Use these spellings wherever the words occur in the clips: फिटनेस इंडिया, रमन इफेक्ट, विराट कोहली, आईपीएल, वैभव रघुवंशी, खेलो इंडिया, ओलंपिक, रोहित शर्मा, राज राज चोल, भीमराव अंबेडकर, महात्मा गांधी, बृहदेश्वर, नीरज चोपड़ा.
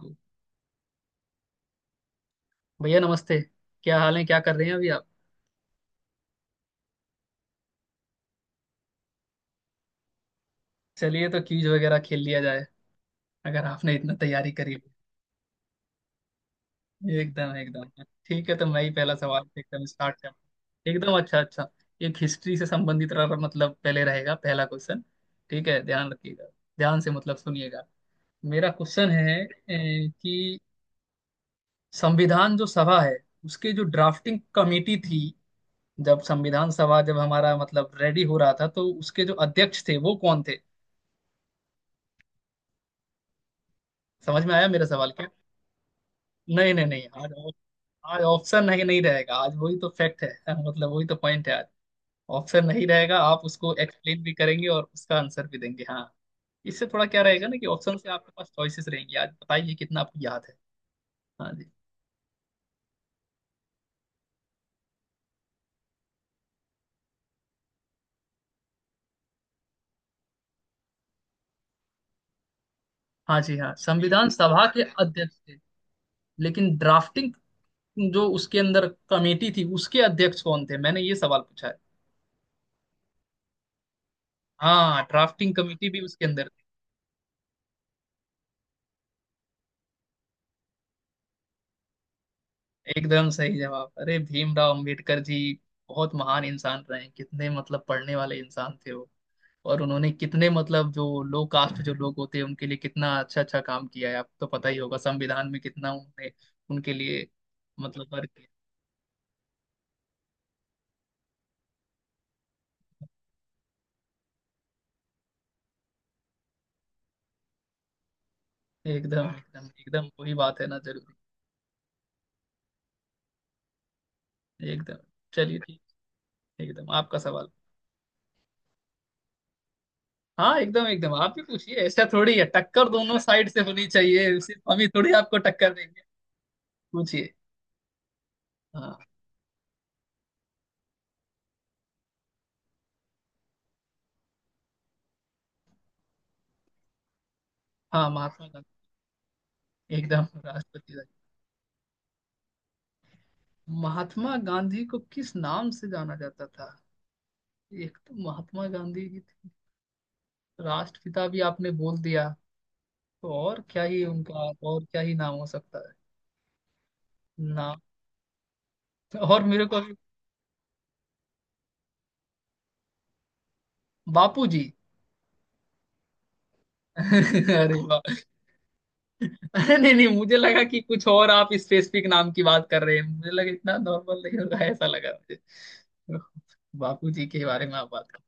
गो। भैया नमस्ते। क्या हाल है, क्या कर रहे हैं अभी आप? चलिए तो क्यूज वगैरह खेल लिया जाए, अगर आपने इतना तैयारी करी है। एकदम एकदम ठीक है, तो मैं ही पहला सवाल एकदम स्टार्ट कर, एकदम अच्छा अच्छा। एक हिस्ट्री से संबंधित मतलब पहले रहेगा पहला क्वेश्चन। ठीक है, ध्यान रखिएगा। ध्यान से मतलब सुनिएगा। मेरा क्वेश्चन है कि संविधान जो सभा है, उसके जो ड्राफ्टिंग कमेटी थी, जब संविधान सभा जब हमारा मतलब रेडी हो रहा था, तो उसके जो अध्यक्ष थे वो कौन थे? समझ में आया मेरा सवाल क्या? नहीं नहीं नहीं आज। आज ऑप्शन नहीं नहीं रहेगा, आज वही तो फैक्ट है मतलब वही तो पॉइंट है आज। ऑप्शन नहीं रहेगा, आप उसको एक्सप्लेन भी करेंगे और उसका आंसर भी देंगे। हाँ, इससे थोड़ा क्या रहेगा ना कि ऑप्शन से आपके पास चॉइसेस रहेंगी। आज बताइए कितना आपको याद है। हाँ जी। हाँ जी, हाँ संविधान सभा के अध्यक्ष थे, लेकिन ड्राफ्टिंग जो उसके अंदर कमेटी थी उसके अध्यक्ष कौन थे, मैंने ये सवाल पूछा है। हाँ ड्राफ्टिंग कमेटी भी उसके अंदर। एकदम सही जवाब। अरे भीमराव अंबेडकर जी बहुत महान इंसान रहे हैं, कितने मतलब पढ़ने वाले इंसान थे वो। और उन्होंने कितने मतलब जो लो कास्ट जो लोग होते हैं उनके लिए कितना अच्छा अच्छा काम किया है, आपको तो पता ही होगा, संविधान में कितना उन्होंने उनके लिए मतलब वर्क किया। एकदम एकदम एकदम वही बात है ना जरूरी। एकदम चलिए ठीक। एकदम आपका सवाल। हाँ एकदम एकदम आप भी पूछिए, ऐसा थोड़ी है, टक्कर दोनों साइड से होनी चाहिए, सिर्फ हम ही थोड़ी आपको टक्कर देंगे। पूछिए। हाँ हाँ महात्मा गांधी। एकदम राष्ट्रपति राज। महात्मा गांधी को किस नाम से जाना जाता था? एक तो महात्मा गांधी जी थे, राष्ट्रपिता भी आपने बोल दिया, तो और क्या ही उनका, और क्या ही नाम हो सकता है? नाम। तो और मेरे को अभी। बापू जी। अरे वाह। अरे नहीं नहीं, मुझे लगा कि कुछ और आप स्पेसिफिक नाम की बात कर रहे हैं, मुझे लगा इतना नॉर्मल नहीं होगा, ऐसा लगा मुझे। बापू जी के बारे में आप बात कर।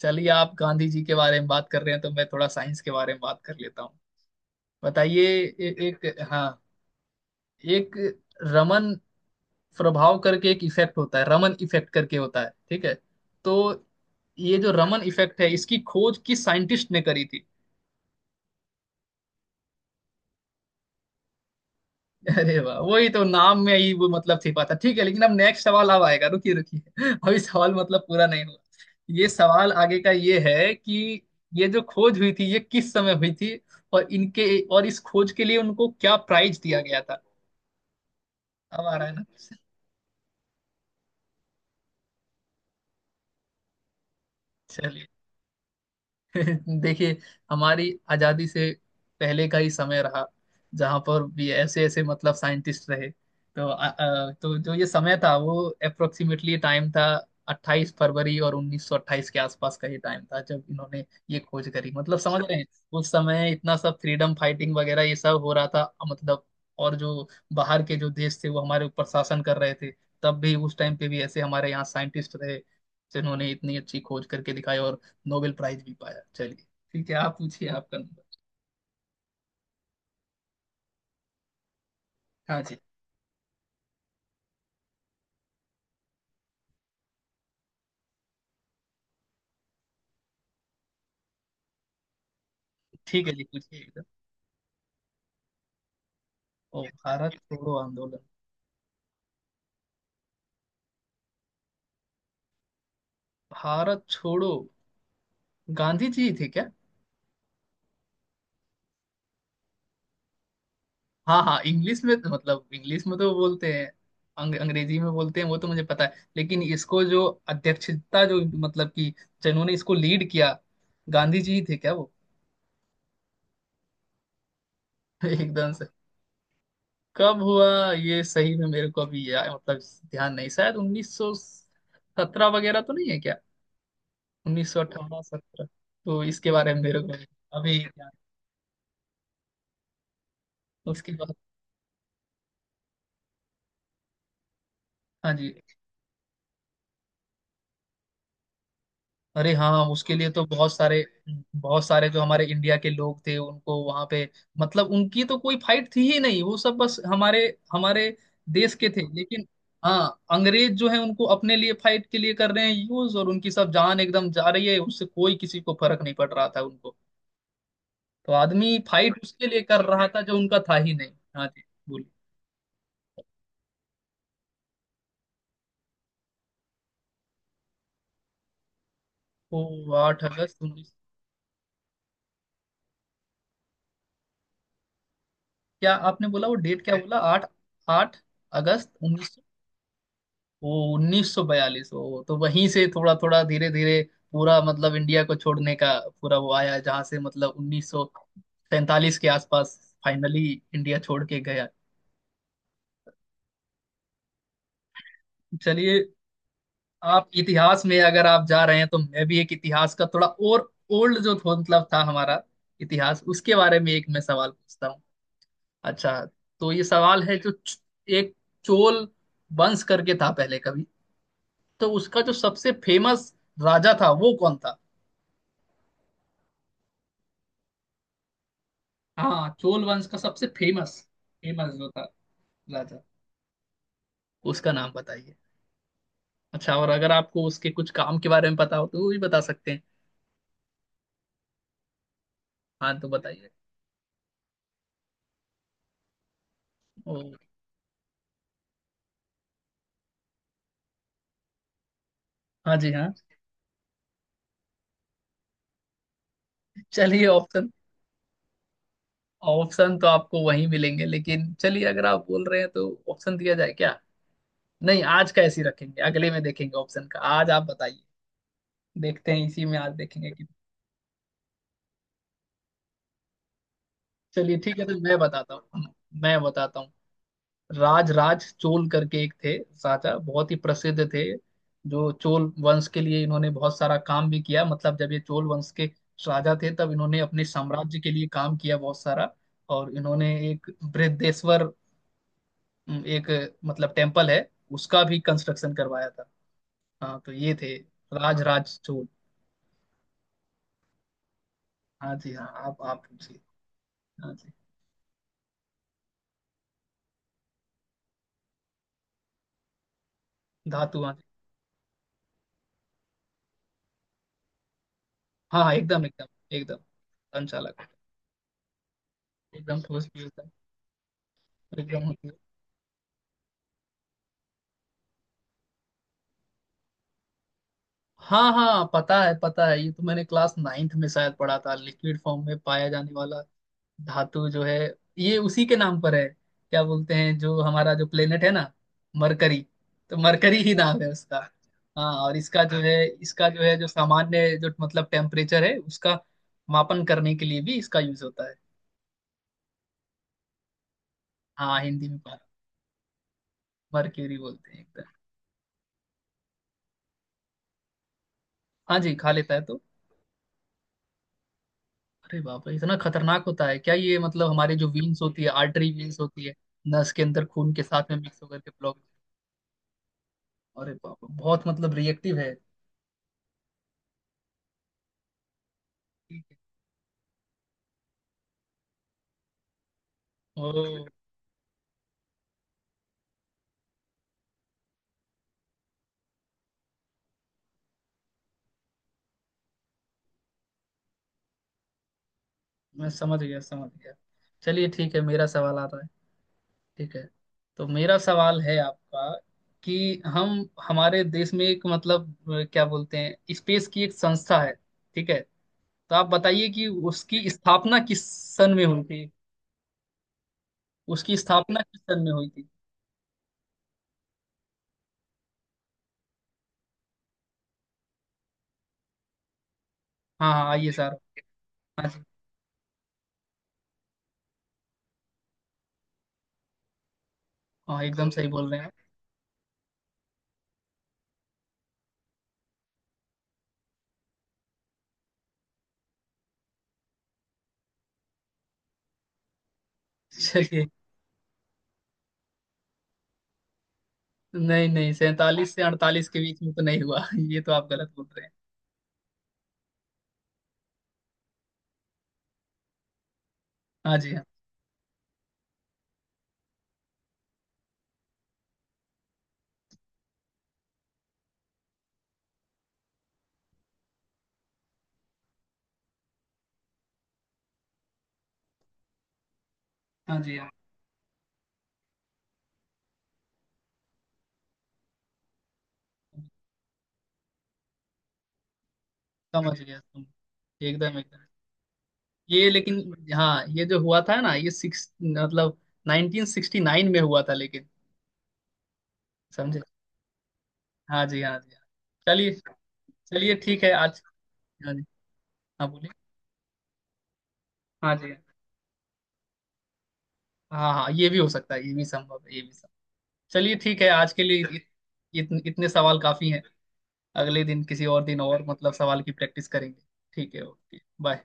चलिए आप गांधी जी के बारे में बात कर रहे हैं, तो मैं थोड़ा साइंस के बारे में बात कर लेता हूँ। बताइए। एक हाँ, एक रमन प्रभाव करके एक इफेक्ट होता है, रमन इफेक्ट करके होता है, ठीक है? तो ये जो रमन इफेक्ट है, इसकी खोज किस साइंटिस्ट ने करी थी? अरे वाह, वही तो नाम में ही वो मतलब छिपा था। ठीक है, लेकिन अब नेक्स्ट सवाल अब आएगा, रुकिए रुकिए, अभी सवाल मतलब पूरा नहीं हुआ। ये सवाल आगे का ये है कि ये जो खोज हुई थी ये किस समय हुई थी, और इनके, और इस खोज के लिए उनको क्या प्राइज दिया गया था? अब आ रहा है ना। चलिए, देखिए, हमारी आजादी से पहले का ही समय रहा, जहां पर भी ऐसे ऐसे मतलब साइंटिस्ट रहे। तो जो ये समय था वो अप्रोक्सीमेटली टाइम था, 28 फरवरी और 1928 के आसपास का ये टाइम था जब इन्होंने ये खोज करी, मतलब समझ रहे हैं। उस समय इतना सब फ्रीडम फाइटिंग वगैरह ये सब हो रहा था, मतलब और जो बाहर के जो देश थे वो हमारे ऊपर शासन कर रहे थे। तब भी उस टाइम पे भी ऐसे हमारे यहाँ साइंटिस्ट रहे जिन्होंने इतनी अच्छी खोज करके दिखाई और नोबेल प्राइज भी पाया। चलिए ठीक है, आप पूछिए, आपका नंबर। हाँ जी। ठीक है जी, पूछिए एकदम। ओ भारत छोड़ो आंदोलन। भारत छोड़ो गांधी जी थे क्या? हाँ हाँ, इंग्लिश में तो, मतलब इंग्लिश में तो बोलते हैं। अंग्रेजी में बोलते हैं, वो तो मुझे पता है, लेकिन इसको जो अध्यक्षता जो, मतलब कि जिन्होंने इसको लीड किया, गांधी जी ही थे क्या वो? एकदम से। कब हुआ ये सही में मेरे को अभी मतलब ध्यान नहीं। शायद 1917 वगैरह तो नहीं है क्या? 1958 17, तो इसके बारे में मेरे को अभी। उसके बाद। हाँ जी। अरे हाँ उसके लिए तो बहुत सारे, बहुत सारे जो हमारे इंडिया के लोग थे उनको वहां पे, मतलब उनकी तो कोई फाइट थी ही नहीं, वो सब बस हमारे हमारे देश के थे लेकिन। हाँ, अंग्रेज जो है उनको अपने लिए फाइट के लिए कर रहे हैं यूज, और उनकी सब जान एकदम जा रही है, उससे कोई किसी को फर्क नहीं पड़ रहा था उनको। तो आदमी फाइट उसके लिए कर रहा था जो उनका था ही नहीं। हाँ जी, बोलिए। तो 8 अगस्त 19। क्या आपने बोला, वो डेट क्या बोला? 8? 8 अगस्त 1900, 1942। ओ तो वहीं से थोड़ा थोड़ा धीरे धीरे पूरा मतलब इंडिया को छोड़ने का पूरा वो आया, जहाँ से मतलब 1947 के आसपास फाइनली इंडिया छोड़ के गया। चलिए, आप इतिहास में अगर आप जा रहे हैं तो मैं भी एक इतिहास का थोड़ा और ओल्ड जो मतलब था हमारा इतिहास, उसके बारे में एक मैं सवाल पूछता हूँ। अच्छा, तो ये सवाल है जो एक चोल वंश करके था पहले कभी, तो उसका जो सबसे फेमस राजा था वो कौन था? हाँ चोल वंश का सबसे फेमस फेमस जो था राजा, उसका नाम बताइए। अच्छा, और अगर आपको उसके कुछ काम के बारे में पता हो तो वो भी बता सकते हैं। हाँ तो बताइए। ओ हाँ जी हाँ। चलिए ऑप्शन ऑप्शन तो आपको वहीं मिलेंगे, लेकिन चलिए अगर आप बोल रहे हैं तो ऑप्शन दिया जाए क्या? नहीं, आज का ऐसे ही रखेंगे, अगले में देखेंगे ऑप्शन का। आज आप बताइए, देखते हैं इसी में आज देखेंगे कि। चलिए ठीक है, तो मैं बताता हूँ। राज राज चोल करके एक थे, राजा बहुत ही प्रसिद्ध थे, जो चोल वंश के लिए इन्होंने बहुत सारा काम भी किया, मतलब जब ये चोल वंश के राजा थे तब इन्होंने अपने साम्राज्य के लिए काम किया बहुत सारा। और इन्होंने एक बृहदेश्वर एक मतलब टेम्पल है, उसका भी कंस्ट्रक्शन करवाया था। हाँ तो ये थे राज राज चोल। हाँ जी हाँ, आप पूछिए। हाँ जी। धातु, हाँ जी। हाँ हाँ एकदम एकदम। एकदम संचालक। एकदम ठोस भी होता है। एकदम होती है। हाँ हाँ पता है पता है, ये तो मैंने क्लास नाइन्थ में शायद पढ़ा था, लिक्विड फॉर्म में पाया जाने वाला धातु जो है ये उसी के नाम पर है, क्या बोलते हैं जो हमारा जो प्लेनेट है ना, मरकरी, तो मरकरी ही नाम है उसका। हाँ, और इसका जो है जो सामान्य जो मतलब टेम्परेचर है उसका मापन करने के लिए भी इसका यूज होता है। हाँ हिंदी में। मरक्यूरी बोलते हैं एकदम। हाँ जी, खा लेता है तो। अरे बाप रे, इतना खतरनाक होता है क्या ये? मतलब हमारी जो वीन्स होती है, आर्टरी वीन्स होती है, नस के अंदर खून के साथ में मिक्स होकर के ब्लॉक। अरे बाप रे, बहुत मतलब रिएक्टिव है। ठीक है। ओ, मैं समझ गया समझ गया। चलिए ठीक है, मेरा सवाल आ रहा है, ठीक है, तो मेरा सवाल है आपका कि हम, हमारे देश में एक मतलब क्या बोलते हैं, स्पेस की एक संस्था है, ठीक है? तो आप बताइए कि उसकी स्थापना किस सन में हुई थी? उसकी स्थापना किस सन में हुई थी? हाँ हाँ आइए सर। हाँ जी हाँ, एकदम सही बोल रहे हैं आप। चलिए, नहीं नहीं, सैंतालीस से अड़तालीस के बीच में तो नहीं हुआ, ये तो आप गलत बोल रहे हैं। हाँ जी हाँ। हाँ जी हाँ। समझ गया समझ गया। एकदम एकदम। ये लेकिन हाँ, ये जो हुआ था ना ये सिक्स मतलब 1969 में हुआ था लेकिन। समझे। हाँ जी हाँ जी हाँ। चलिए। चलिए ठीक है आज। हाँ जी। हाँ बोलिए। हाँ जी। हाँ हाँ हाँ, ये भी हो सकता है, ये भी संभव है, ये भी संभव। चलिए ठीक है, आज के लिए इतने इतने सवाल काफी हैं। अगले दिन किसी और दिन और मतलब सवाल की प्रैक्टिस करेंगे। ठीक है, ओके बाय।